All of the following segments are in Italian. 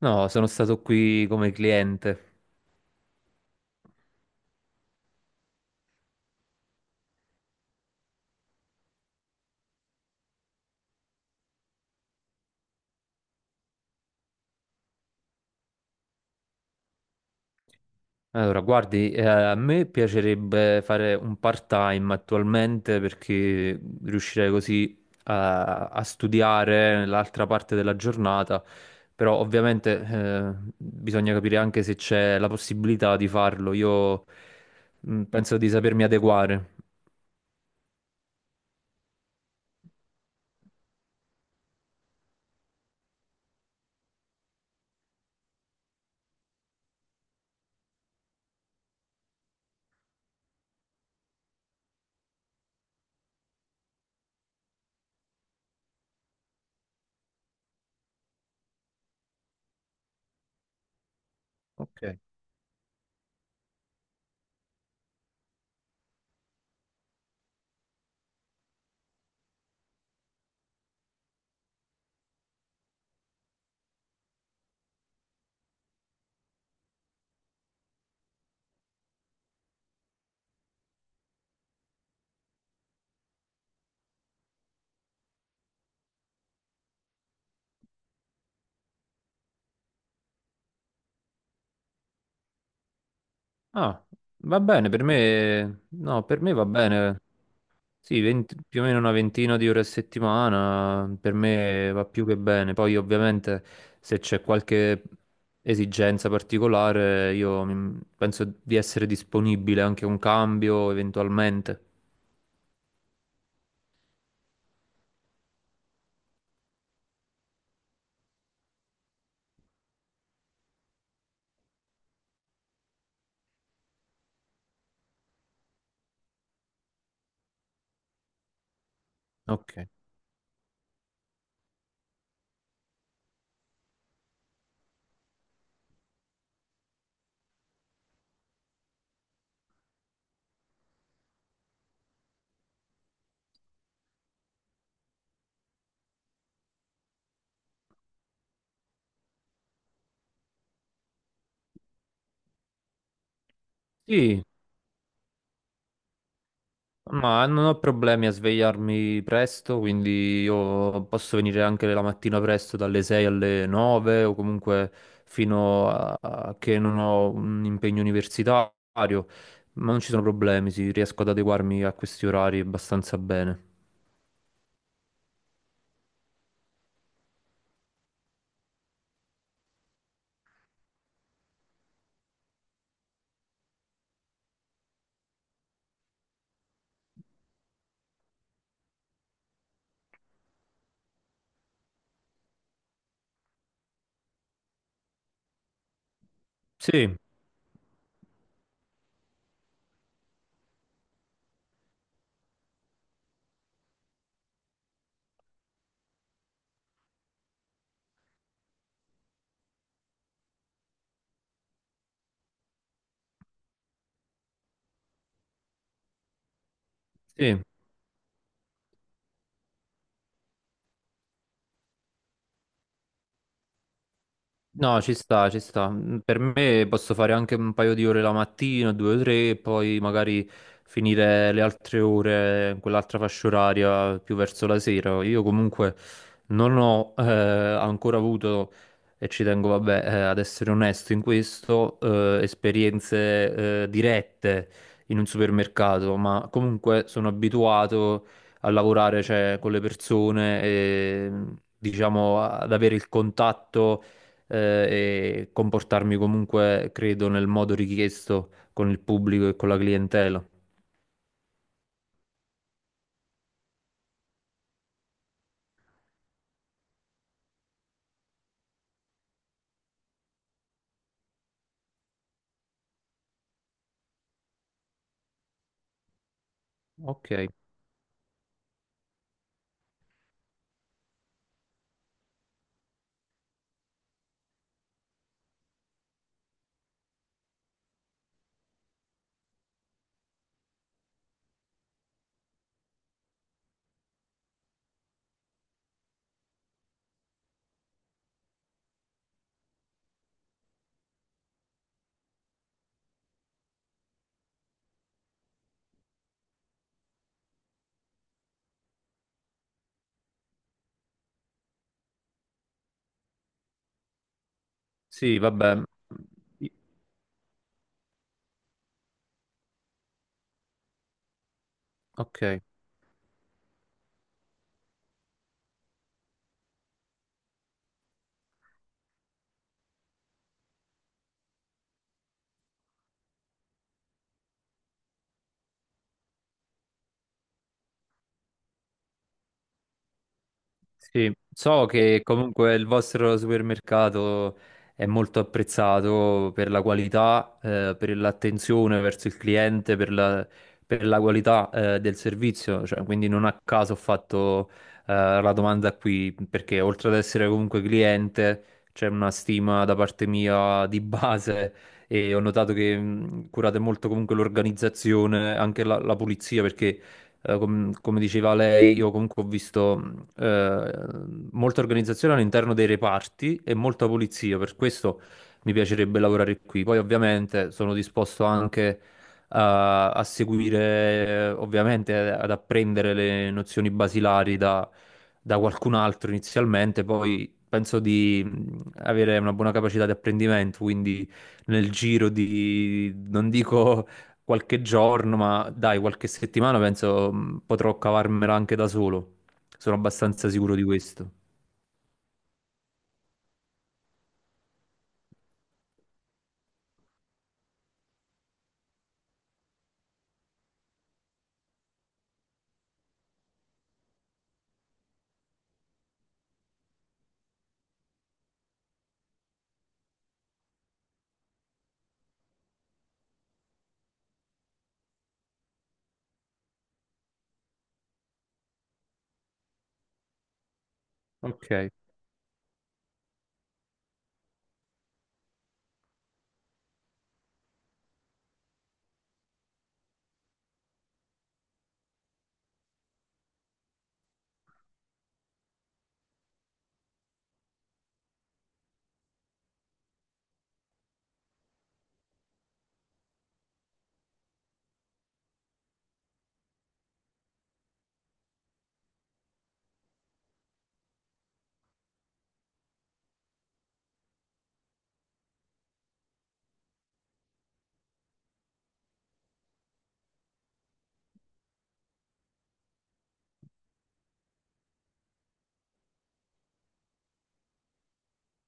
No, sono stato qui come cliente. Allora, guardi, a me piacerebbe fare un part-time attualmente perché riuscirei così a studiare l'altra parte della giornata, però ovviamente bisogna capire anche se c'è la possibilità di farlo. Io penso di sapermi adeguare. Ok. Ah, va bene, per me, no, per me va bene. Sì, 20, più o meno una ventina di ore a settimana per me va più che bene. Poi ovviamente se c'è qualche esigenza particolare io penso di essere disponibile anche a un cambio eventualmente. Ok. Sì. Ma non ho problemi a svegliarmi presto, quindi io posso venire anche la mattina presto dalle 6 alle 9, o comunque fino a che non ho un impegno universitario, ma non ci sono problemi, sì, riesco ad adeguarmi a questi orari abbastanza bene. Sì, sì. No, ci sta, ci sta. Mm. Per me posso fare anche un paio di ore la mattina, due o tre, e poi magari finire le altre ore, quell'altra fascia oraria più verso la sera. Io comunque non ho ancora avuto, e ci tengo, vabbè, ad essere onesto in questo, esperienze dirette in un supermercato, ma comunque sono abituato a lavorare, cioè, con le persone e diciamo ad avere il contatto, e comportarmi comunque, credo, nel modo richiesto con il pubblico e con la clientela. Ok, sì, vabbè. Ok. Sì, so che comunque il vostro supermercato è molto apprezzato per la qualità, per l'attenzione verso il cliente, per la qualità, del servizio, cioè, quindi non a caso ho fatto, la domanda qui, perché oltre ad essere comunque cliente, c'è una stima da parte mia di base, e ho notato che curate molto comunque l'organizzazione, anche la pulizia, perché come diceva lei, io comunque ho visto. eh, molta organizzazione all'interno dei reparti e molta pulizia, per questo mi piacerebbe lavorare qui. Poi ovviamente sono disposto anche a seguire, ovviamente ad apprendere le nozioni basilari da qualcun altro inizialmente, poi penso di avere una buona capacità di apprendimento, quindi nel giro di, non dico qualche giorno, ma dai, qualche settimana penso potrò cavarmela anche da solo. Sono abbastanza sicuro di questo. Ok.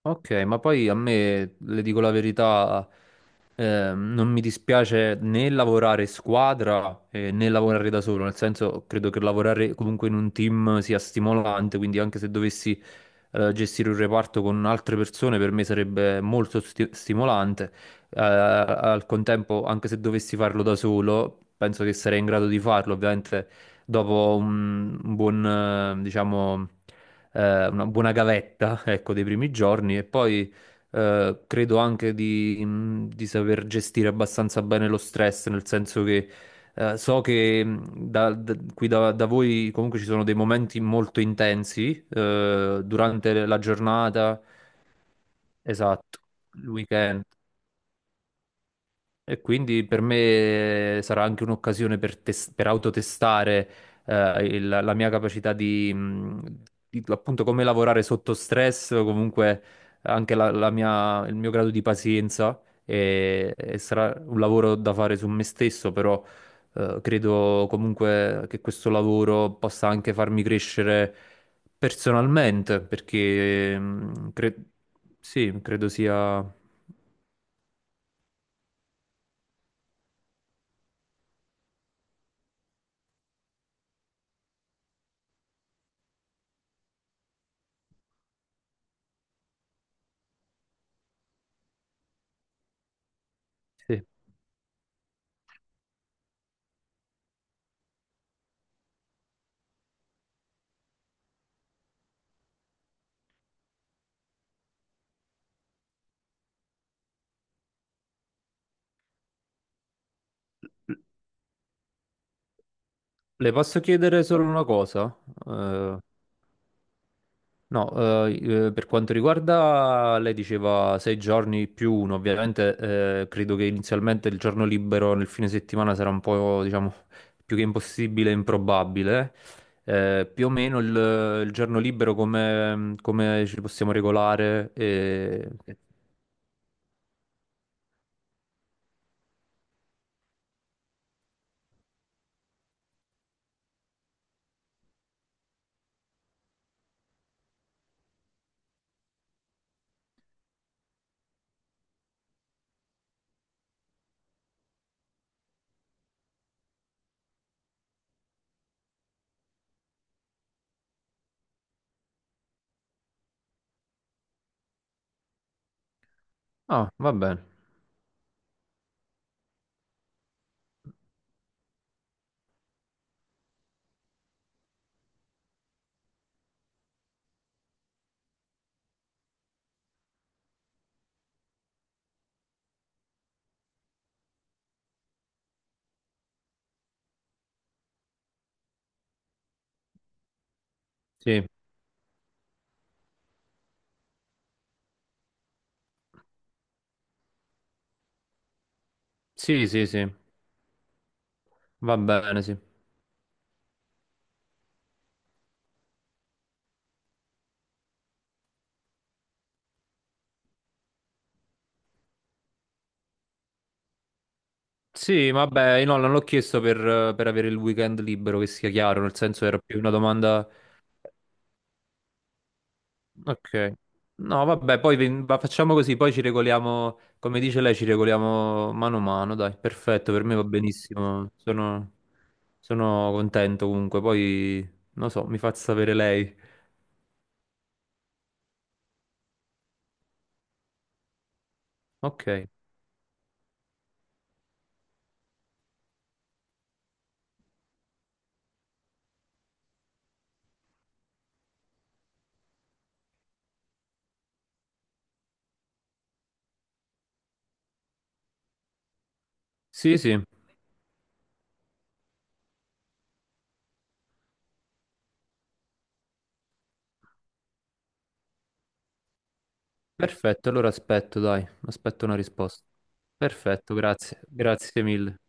Ok, ma poi a me, le dico la verità, non mi dispiace né lavorare in squadra, né lavorare da solo, nel senso credo che lavorare comunque in un team sia stimolante, quindi anche se dovessi gestire un reparto con altre persone per me sarebbe molto stimolante. Al contempo anche se dovessi farlo da solo, penso che sarei in grado di farlo, ovviamente dopo un buon, diciamo... una buona gavetta, ecco, dei primi giorni, e poi credo anche di saper gestire abbastanza bene lo stress, nel senso che so che qui da voi comunque ci sono dei momenti molto intensi durante la giornata, esatto, il weekend. E quindi per me sarà anche un'occasione per, per autotestare la mia capacità di appunto come lavorare sotto stress, o comunque anche il mio grado di pazienza, e sarà un lavoro da fare su me stesso, però credo comunque che questo lavoro possa anche farmi crescere personalmente, perché sì, credo sia... sì. Le posso chiedere solo una cosa? Eh, no, per quanto riguarda, lei diceva sei giorni più uno, ovviamente credo che inizialmente il giorno libero nel fine settimana sarà un po', diciamo, più che impossibile, improbabile. Più o meno il giorno libero come ci possiamo regolare? E... Ah, va bene. Sì, sì, sì, sì, va bene, sì. Sì, vabbè, io no, non l'ho chiesto per avere il weekend libero, che sia chiaro, nel senso era più una domanda... Ok. No, vabbè, poi facciamo così, poi ci regoliamo, come dice lei, ci regoliamo mano a mano, dai, perfetto, per me va benissimo, sono, sono contento comunque, poi, non so, mi fa sapere lei. Ok, sì, sì, perfetto, allora aspetto, dai, aspetto una risposta. Perfetto, grazie, grazie mille.